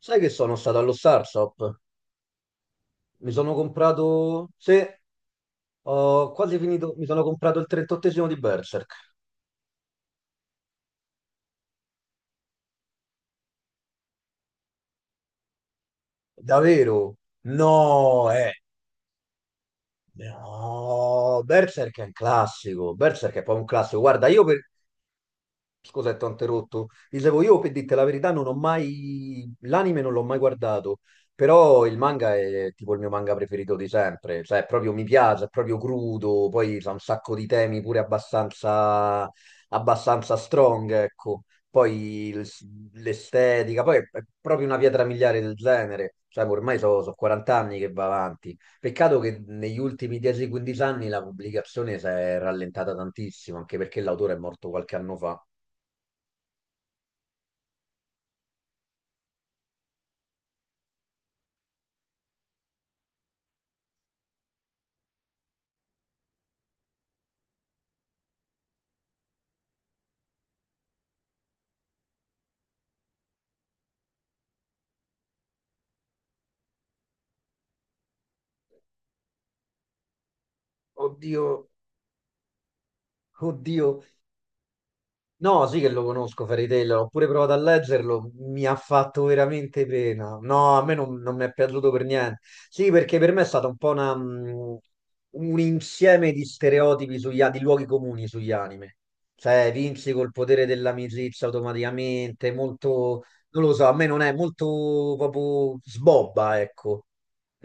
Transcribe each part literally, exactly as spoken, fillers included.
Sai che sono stato allo Starshop? Mi sono comprato. Sì, ho quasi finito. Mi sono comprato il trentottesimo di Berserk. Davvero? No, eh. No, Berserk è un classico. Berserk è proprio un classico. Guarda, io per, scusa, ti ho interrotto. Dicevo, io per dirti la verità non ho mai. L'anime non l'ho mai guardato, però il manga è tipo il mio manga preferito di sempre. Cioè, proprio mi piace, è proprio crudo, poi c'ha un sacco di temi pure abbastanza, abbastanza strong, ecco. Poi il- l'estetica, poi è è proprio una pietra miliare del genere. Cioè, ormai sono quaranta anni che va avanti. Peccato che negli ultimi dieci quindici anni la pubblicazione si è rallentata tantissimo, anche perché l'autore è morto qualche anno fa. Oddio, oddio. No, sì che lo conosco, Fairy Tail, l'ho pure provato a leggerlo, mi ha fatto veramente pena. No, a me non, non mi è piaciuto per niente. Sì, perché per me è stata un po' una, mh, un insieme di stereotipi sugli, a- di luoghi comuni sugli anime. Cioè, vinci col potere dell'amicizia automaticamente, molto, non lo so, a me non è molto proprio sbobba, ecco.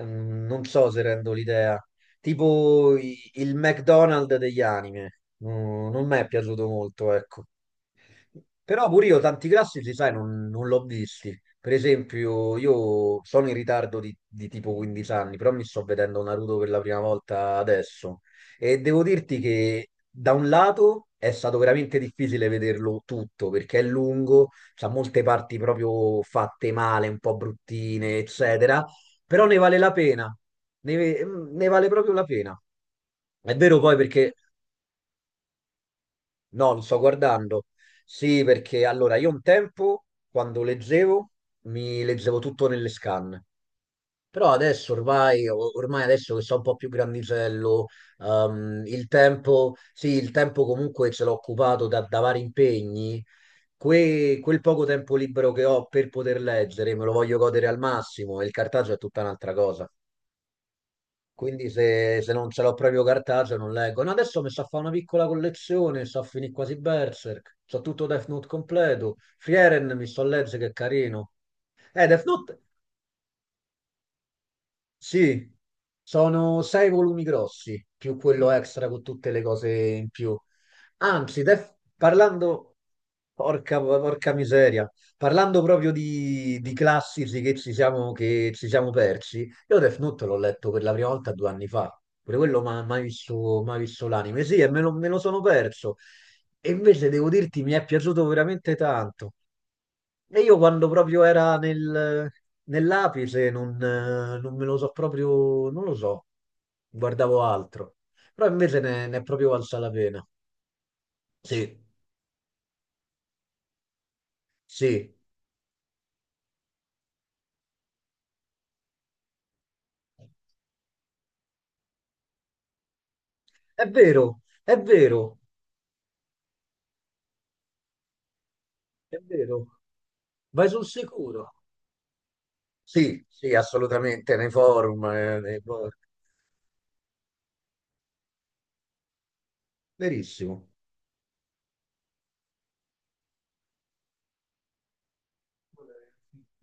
Mm, Non so se rendo l'idea. Tipo i- il McDonald's degli anime. Mm, non mi è piaciuto molto, ecco. Però pure io tanti classici, sai, non, non l'ho visti. Per esempio, io sono in ritardo di, di tipo quindici anni, però mi sto vedendo Naruto per la prima volta adesso. E devo dirti che da un lato è stato veramente difficile vederlo tutto, perché è lungo, c'ha molte parti proprio fatte male, un po' bruttine, eccetera, però ne vale la pena, ne, ne vale proprio la pena. È vero poi perché No, lo sto guardando. Sì, perché allora io un tempo, quando leggevo, mi leggevo tutto nelle scan. Però adesso ormai, o- ormai adesso che sono un po' più grandicello, ehm, il tempo, sì, il tempo comunque ce l'ho occupato da, da vari impegni. Que- quel poco tempo libero che ho per poter leggere me lo voglio godere al massimo e il cartaggio è tutta un'altra cosa. Quindi se, se non ce l'ho proprio cartaceo non leggo. No, adesso mi sa fare una piccola collezione, sto a finire quasi Berserk, so tutto Death Note completo. Frieren mi sto a leggere che è carino. Eh, Death Note, sì, sono sei volumi grossi, più quello extra con tutte le cose in più. Anzi, def- parlando, porca, porca miseria, parlando proprio di, di classici che ci siamo, che ci siamo persi, io Death Note l'ho letto per la prima volta due anni fa, pure quello ma mai visto, mai visto l'anime, sì, e me lo, me lo sono perso. E invece devo dirti, mi è piaciuto veramente tanto. E io quando proprio era nel, nell'apice non, eh, non me lo so proprio, non lo so, guardavo altro. Però invece ne, ne è proprio valsa la pena. Sì. Sì, è vero, è vero, è vero. Vai sul sicuro. Sì, sì, assolutamente, nei forum, eh, nei for- verissimo.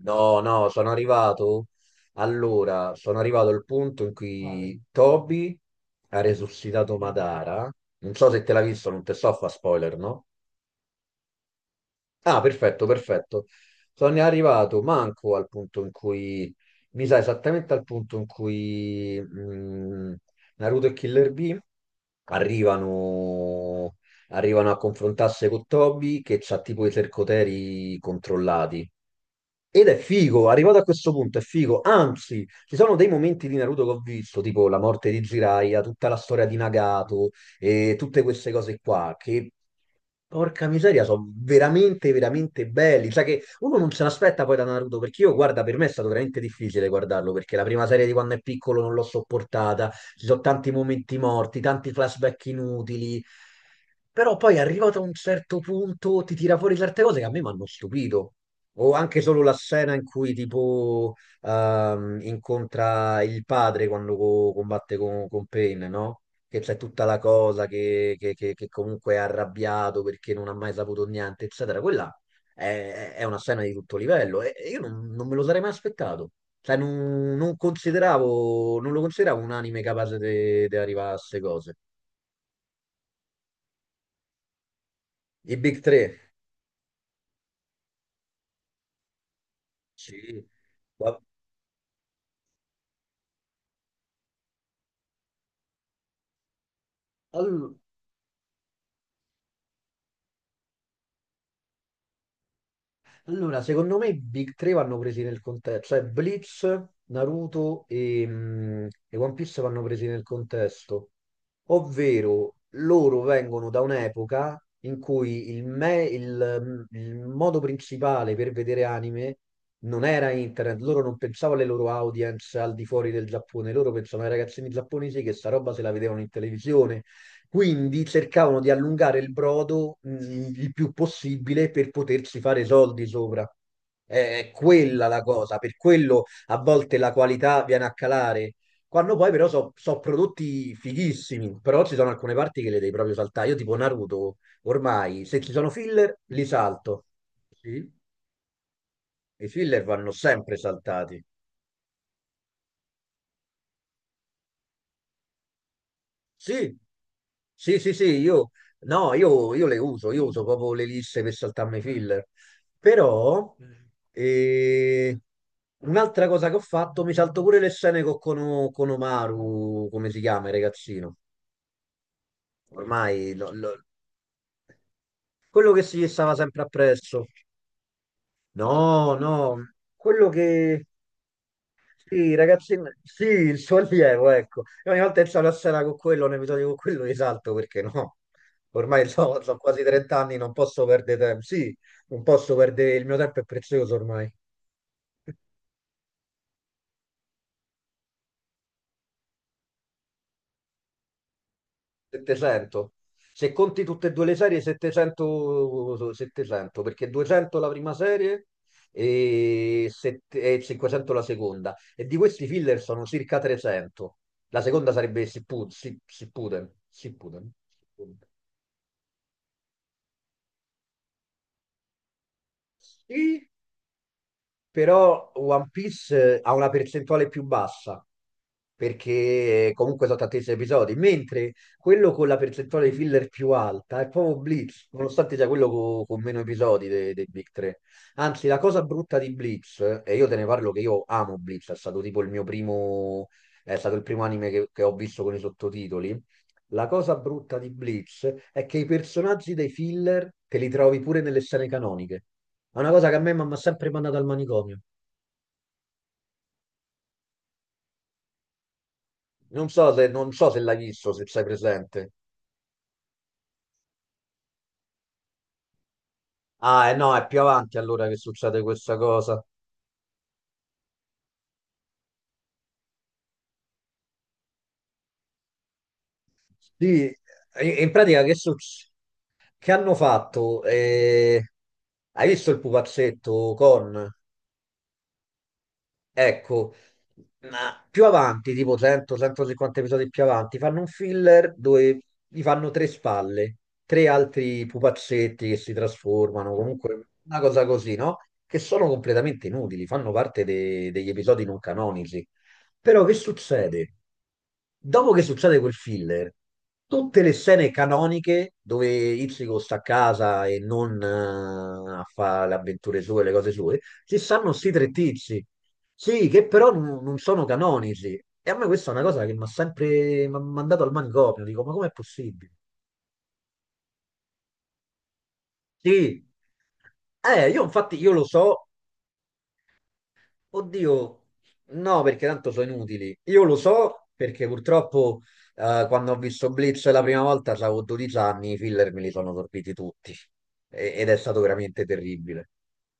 No, no, sono arrivato. Allora, sono arrivato al punto in cui Toby ha resuscitato Madara. Non so se te l'ha visto, non te so fa spoiler, no? Ah, perfetto, perfetto. Sono arrivato manco al punto in cui, mi sa esattamente al punto in cui mh, Naruto e Killer Bee arrivano, arrivano a confrontarsi con Toby che c'ha tipo i sercoteri controllati. Ed è figo, arrivato a questo punto è figo, anzi, ci sono dei momenti di Naruto che ho visto, tipo la morte di Jiraiya, tutta la storia di Nagato e tutte queste cose qua, che porca miseria, sono veramente, veramente belli. Cioè che uno non se l'aspetta poi da Naruto, perché io, guarda, per me è stato veramente difficile guardarlo, perché la prima serie di quando è piccolo non l'ho sopportata, ci sono tanti momenti morti, tanti flashback inutili, però poi arrivato a un certo punto ti tira fuori certe cose che a me mi hanno stupito. O anche solo la scena in cui tipo ehm, incontra il padre quando co- combatte con, con Pain, no? Che c'è tutta la cosa che, che- che- che comunque è arrabbiato perché non ha mai saputo niente, eccetera. Quella è, è una scena di tutto livello e e io non, non me lo sarei mai aspettato. Cioè, non, non consideravo, non lo consideravo un anime capace di arrivare a queste cose. I Big tre. Sì. Ma- All- Allora, secondo me i Big tre vanno presi nel contesto, cioè Blitz, Naruto e, mm, e One Piece vanno presi nel contesto, ovvero loro vengono da un'epoca in cui il, me- il, mm, il modo principale per vedere anime non era internet, loro non pensavano alle loro audience al di fuori del Giappone, loro pensavano ai ragazzini giapponesi che sta roba se la vedevano in televisione, quindi cercavano di allungare il brodo mh, il più possibile per potersi fare soldi sopra. È quella la cosa, per quello a volte la qualità viene a calare. Quando poi però sono prodotti fighissimi, però ci sono alcune parti che le devi proprio saltare. Io tipo Naruto, ormai se ci sono filler li salto. Sì, i filler vanno sempre saltati. Sì, sì, sì, sì, io, no, io, io le uso, io uso proprio le lisse per saltarmi i filler. Però, eh, un'altra cosa che ho fatto, mi salto pure le scene co- con, O- con Omaru, come si chiama il ragazzino. Ormai, lo- lo- quello che si stava sempre appresso. No, no, quello che. Sì, ragazzi, sì, il suo allievo, ecco. E ogni volta che c'è la scena con quello, un episodio con quello, risalto perché no. Ormai so, so quasi trenta anni, non posso perdere tempo. Sì, non posso perdere, il mio tempo è prezioso ormai. settecento. Se conti tutte e due le serie, settecento, settecento, perché duecento la prima serie e, sette- e cinquecento la seconda. E di questi filler sono circa trecento. La seconda sarebbe Sippuden. Sippuden. Sippuden. Sì, però One Piece eh, ha una percentuale più bassa, perché comunque sono tantissimi episodi, mentre quello con la percentuale di filler più alta è proprio Blitz, nonostante sia quello co- con, meno episodi de- dei Big tre. Anzi, la cosa brutta di Blitz, eh, e io te ne parlo che io amo Blitz, è stato tipo il mio primo, è stato il primo anime che che ho visto con i sottotitoli. La cosa brutta di Bleach è che i personaggi dei filler te li trovi pure nelle scene canoniche. È una cosa che a me mi ha sempre mandato al manicomio. Non so se, non so se l'hai visto, se sei presente. Ah, eh no, è più avanti allora che succede questa cosa. Sì, e- e in pratica che succede? Che hanno fatto? Eh, Hai visto il pupazzetto con? Ecco, ma più avanti, tipo cento centocinquanta episodi più avanti, fanno un filler dove gli fanno tre spalle, tre altri pupazzetti che si trasformano, comunque una cosa così, no? Che sono completamente inutili, fanno parte de- degli episodi non canonici. Però che succede? Dopo che succede quel filler, tutte le scene canoniche dove Ichigo sta a casa e non eh, a fare le avventure sue, le cose sue, ci stanno sti tre tizi. Sì, che però non non sono canonici. E a me questa è una cosa che mi ha sempre m'ha mandato al manicomio. Dico, ma com'è possibile? Sì. Eh, io infatti io lo so. Oddio, no, perché tanto sono inutili. Io lo so perché purtroppo eh, quando ho visto Blitz la prima volta avevo dodici anni, i filler me li sono sorbiti tutti. E- ed è stato veramente terribile.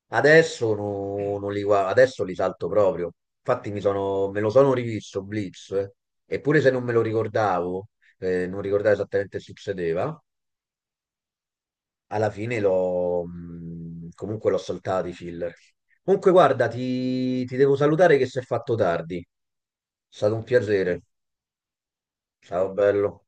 Adesso, no- non li, gua- adesso li salto proprio. Infatti mi sono- me lo sono rivisto Blitz, eh. Eppure se non me lo ricordavo, eh, non ricordavo esattamente che succedeva, alla fine l'ho mh, comunque l'ho saltato i filler. Comunque, guarda, ti, ti devo salutare che si è fatto tardi. È stato un piacere. Ciao, bello.